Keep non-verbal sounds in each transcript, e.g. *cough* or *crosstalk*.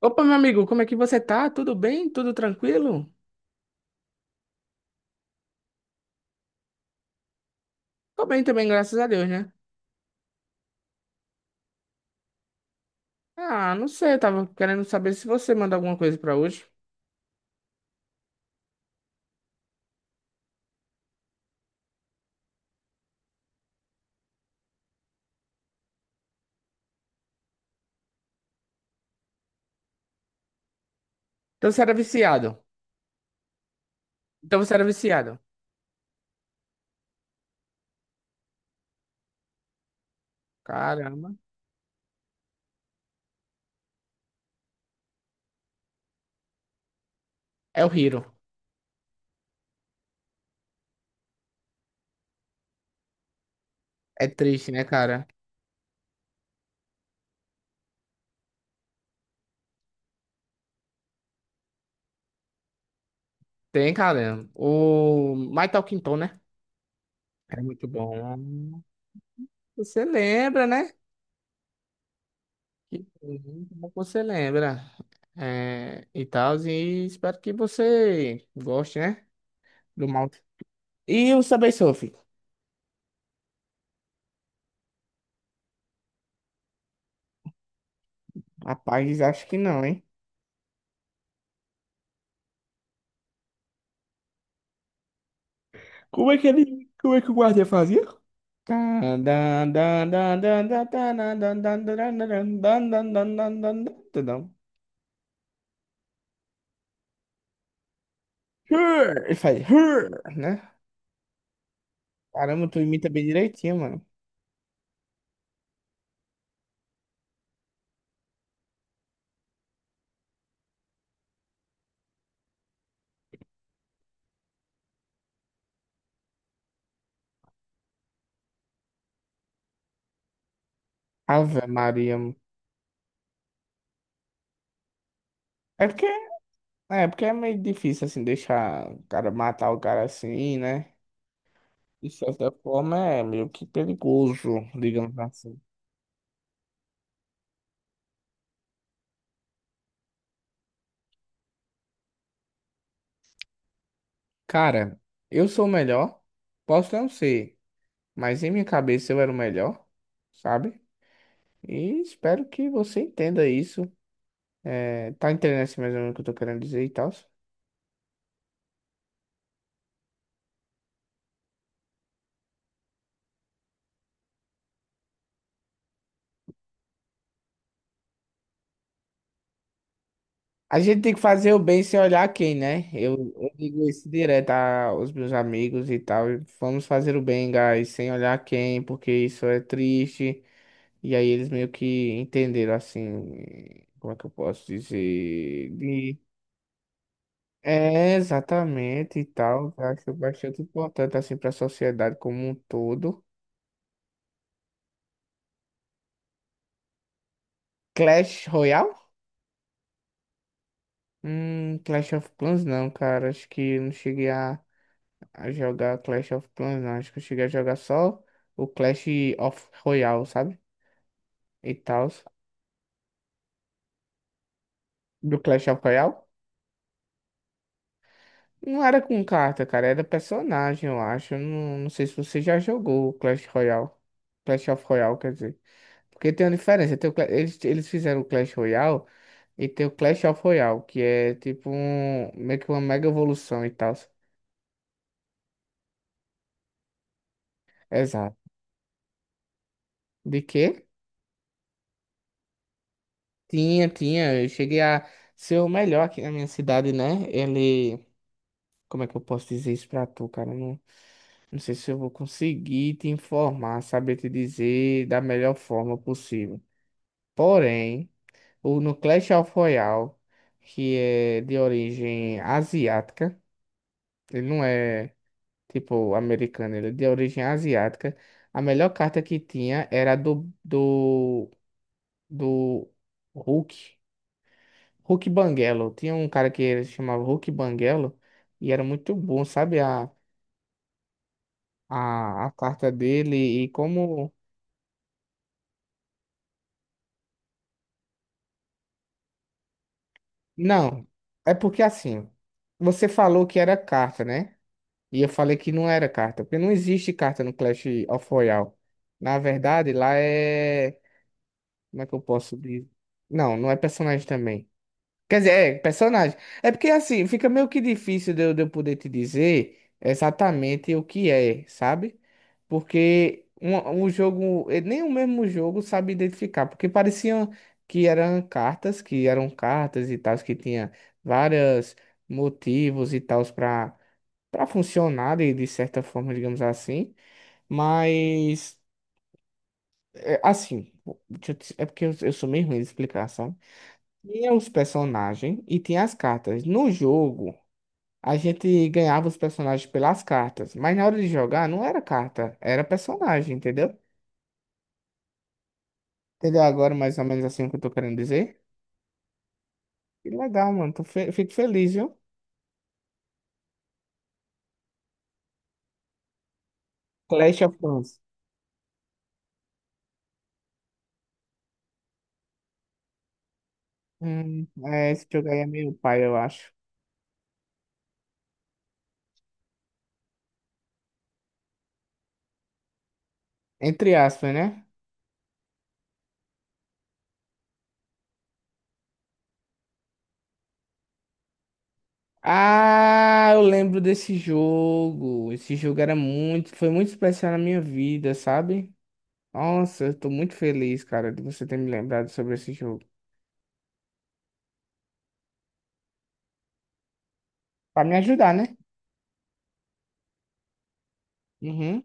Opa, meu amigo, como é que você tá? Tudo bem? Tudo tranquilo? Tô bem também, graças a Deus, né? Ah, não sei, eu tava querendo saber se você manda alguma coisa pra hoje. Então você era viciado. Então você era viciado. Caramba. É o Hiro. É triste, né, cara? Tem, cara. O My Talking Tom, né? É muito bom. Você lembra, né? Que bom que você lembra. É, e tal, e espero que você goste, né? Do mal. E o Subway Surf? Rapaz, acho que não, hein? Como é que ele, como é que o guardiã fazia? Hur! Ele faz, hur, né? Caramba, tu imita bem direitinho, mano. Ave Maria. É porque é, porque é meio difícil, assim, deixar o cara matar o cara assim, né? De certa forma é meio que perigoso, digamos assim. Cara, eu sou o melhor. Posso não ser, mas em minha cabeça eu era o melhor, sabe? E espero que você entenda isso. É, tá entendendo assim mais ou menos o que eu tô querendo dizer e tal. A gente tem que fazer o bem sem olhar quem, né? Eu digo isso direto aos meus amigos e tal. Vamos fazer o bem, guys, sem olhar quem, porque isso é triste. E aí eles meio que entenderam assim, como é que eu posso dizer? De... É, exatamente e tal. Eu acho bastante importante assim para a sociedade como um todo. Clash Royale? Clash of Clans não, cara. Acho que eu não cheguei a jogar Clash of Clans, não. Acho que eu cheguei a jogar só o Clash of Royale, sabe? E tal. Do Clash of Royale? Não era com carta, cara. Era personagem, eu acho. Eu não sei se você já jogou o Clash Royale. Clash of Royale, quer dizer. Porque tem uma diferença. Eles, fizeram o Clash Royale e tem o Clash of Royale, que é tipo um, meio que uma mega evolução e tal. Exato. De quê? Tinha, tinha. Eu cheguei a ser o melhor aqui na minha cidade, né? Ele. Como é que eu posso dizer isso pra tu, cara? Não, não sei se eu vou conseguir te informar, saber te dizer da melhor forma possível. Porém, o no Clash of Royale, que é de origem asiática, ele não é tipo americano, ele é de origem asiática. A melhor carta que tinha era a do Hulk. Hulk Banguelo. Tinha um cara que ele se chamava Hulk Banguelo e era muito bom, sabe? A carta dele e como. Não, é porque assim, você falou que era carta, né? E eu falei que não era carta, porque não existe carta no Clash of Royale. Na verdade, lá é. Como é que eu posso dizer? Não, não é personagem também. Quer dizer, é, personagem. É porque assim, fica meio que difícil de eu poder te dizer exatamente o que é, sabe? Porque um jogo, nem o mesmo jogo sabe identificar, porque parecia que eram cartas, e tal, que tinha vários motivos e tal para funcionar de certa forma, digamos assim. Mas, assim, é porque eu sou meio ruim de explicar, sabe? Tinha os personagens e tinha as cartas. No jogo, a gente ganhava os personagens pelas cartas, mas na hora de jogar não era carta, era personagem, entendeu? Entendeu agora mais ou menos assim o que eu tô querendo dizer? Que legal, mano. Fico feliz, viu? Clash of Clans. É, esse jogo aí é meio pai, eu acho. Entre aspas, né? Ah, eu lembro desse jogo. Esse jogo era muito, foi muito especial na minha vida, sabe? Nossa, eu tô muito feliz, cara, de você ter me lembrado sobre esse jogo. Pra me ajudar, né? Uhum.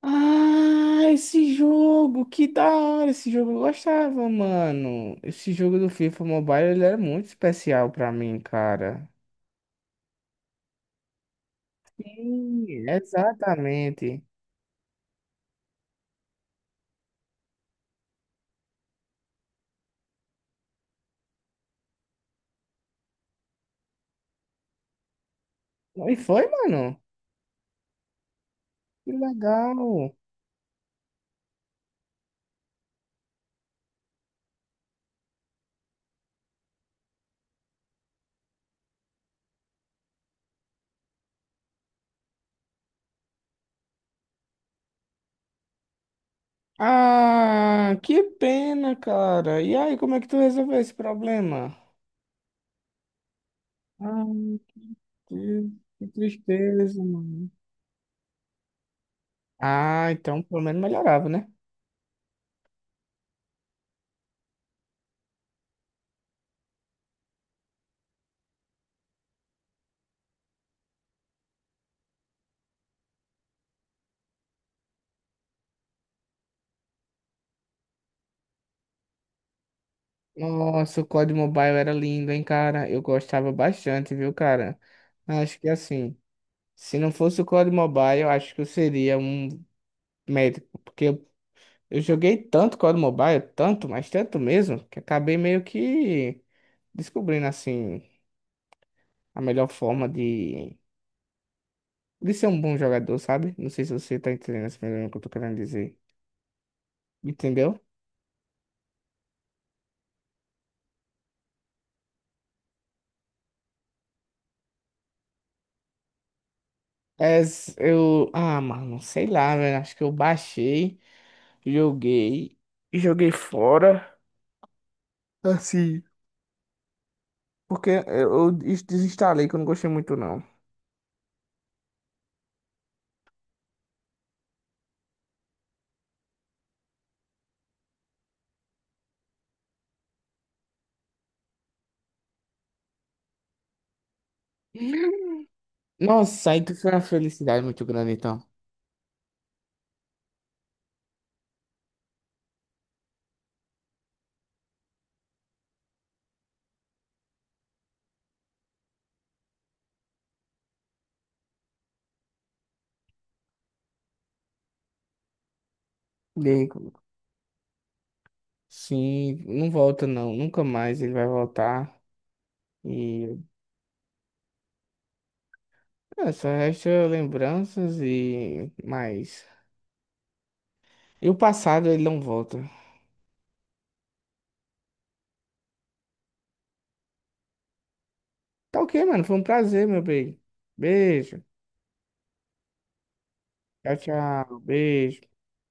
Ah, esse jogo, que da hora, esse jogo eu gostava, mano. Esse jogo do FIFA Mobile, ele era muito especial pra mim, cara. Sim, exatamente. E foi, mano? Que legal. Ah, que pena, cara. E aí, como é que tu resolveu esse problema? Ah, que, que tristeza, mano. Ah, então pelo menos melhorava, né? Nossa, o COD Mobile era lindo, hein, cara? Eu gostava bastante, viu, cara? Acho que assim, se não fosse o COD Mobile, eu acho que eu seria um médico, porque eu joguei tanto COD Mobile, tanto, mas tanto mesmo, que acabei meio que descobrindo, assim, a melhor forma de ser um bom jogador, sabe? Não sei se você tá entendendo esse problema que eu tô querendo dizer. Entendeu? É, s- eu. Ah, mano, sei lá, velho. Acho que eu baixei, joguei, joguei fora. Assim, porque eu desinstalei que eu não gostei muito, não. *laughs* Nossa, aí que foi uma felicidade muito grande, então. E aí, sim, não volta, não. Nunca mais ele vai voltar. E é, só resta lembranças e mais. E o passado, ele não volta. Tá ok, mano. Foi um prazer, meu bem. Beijo. Tchau, tchau. Beijo.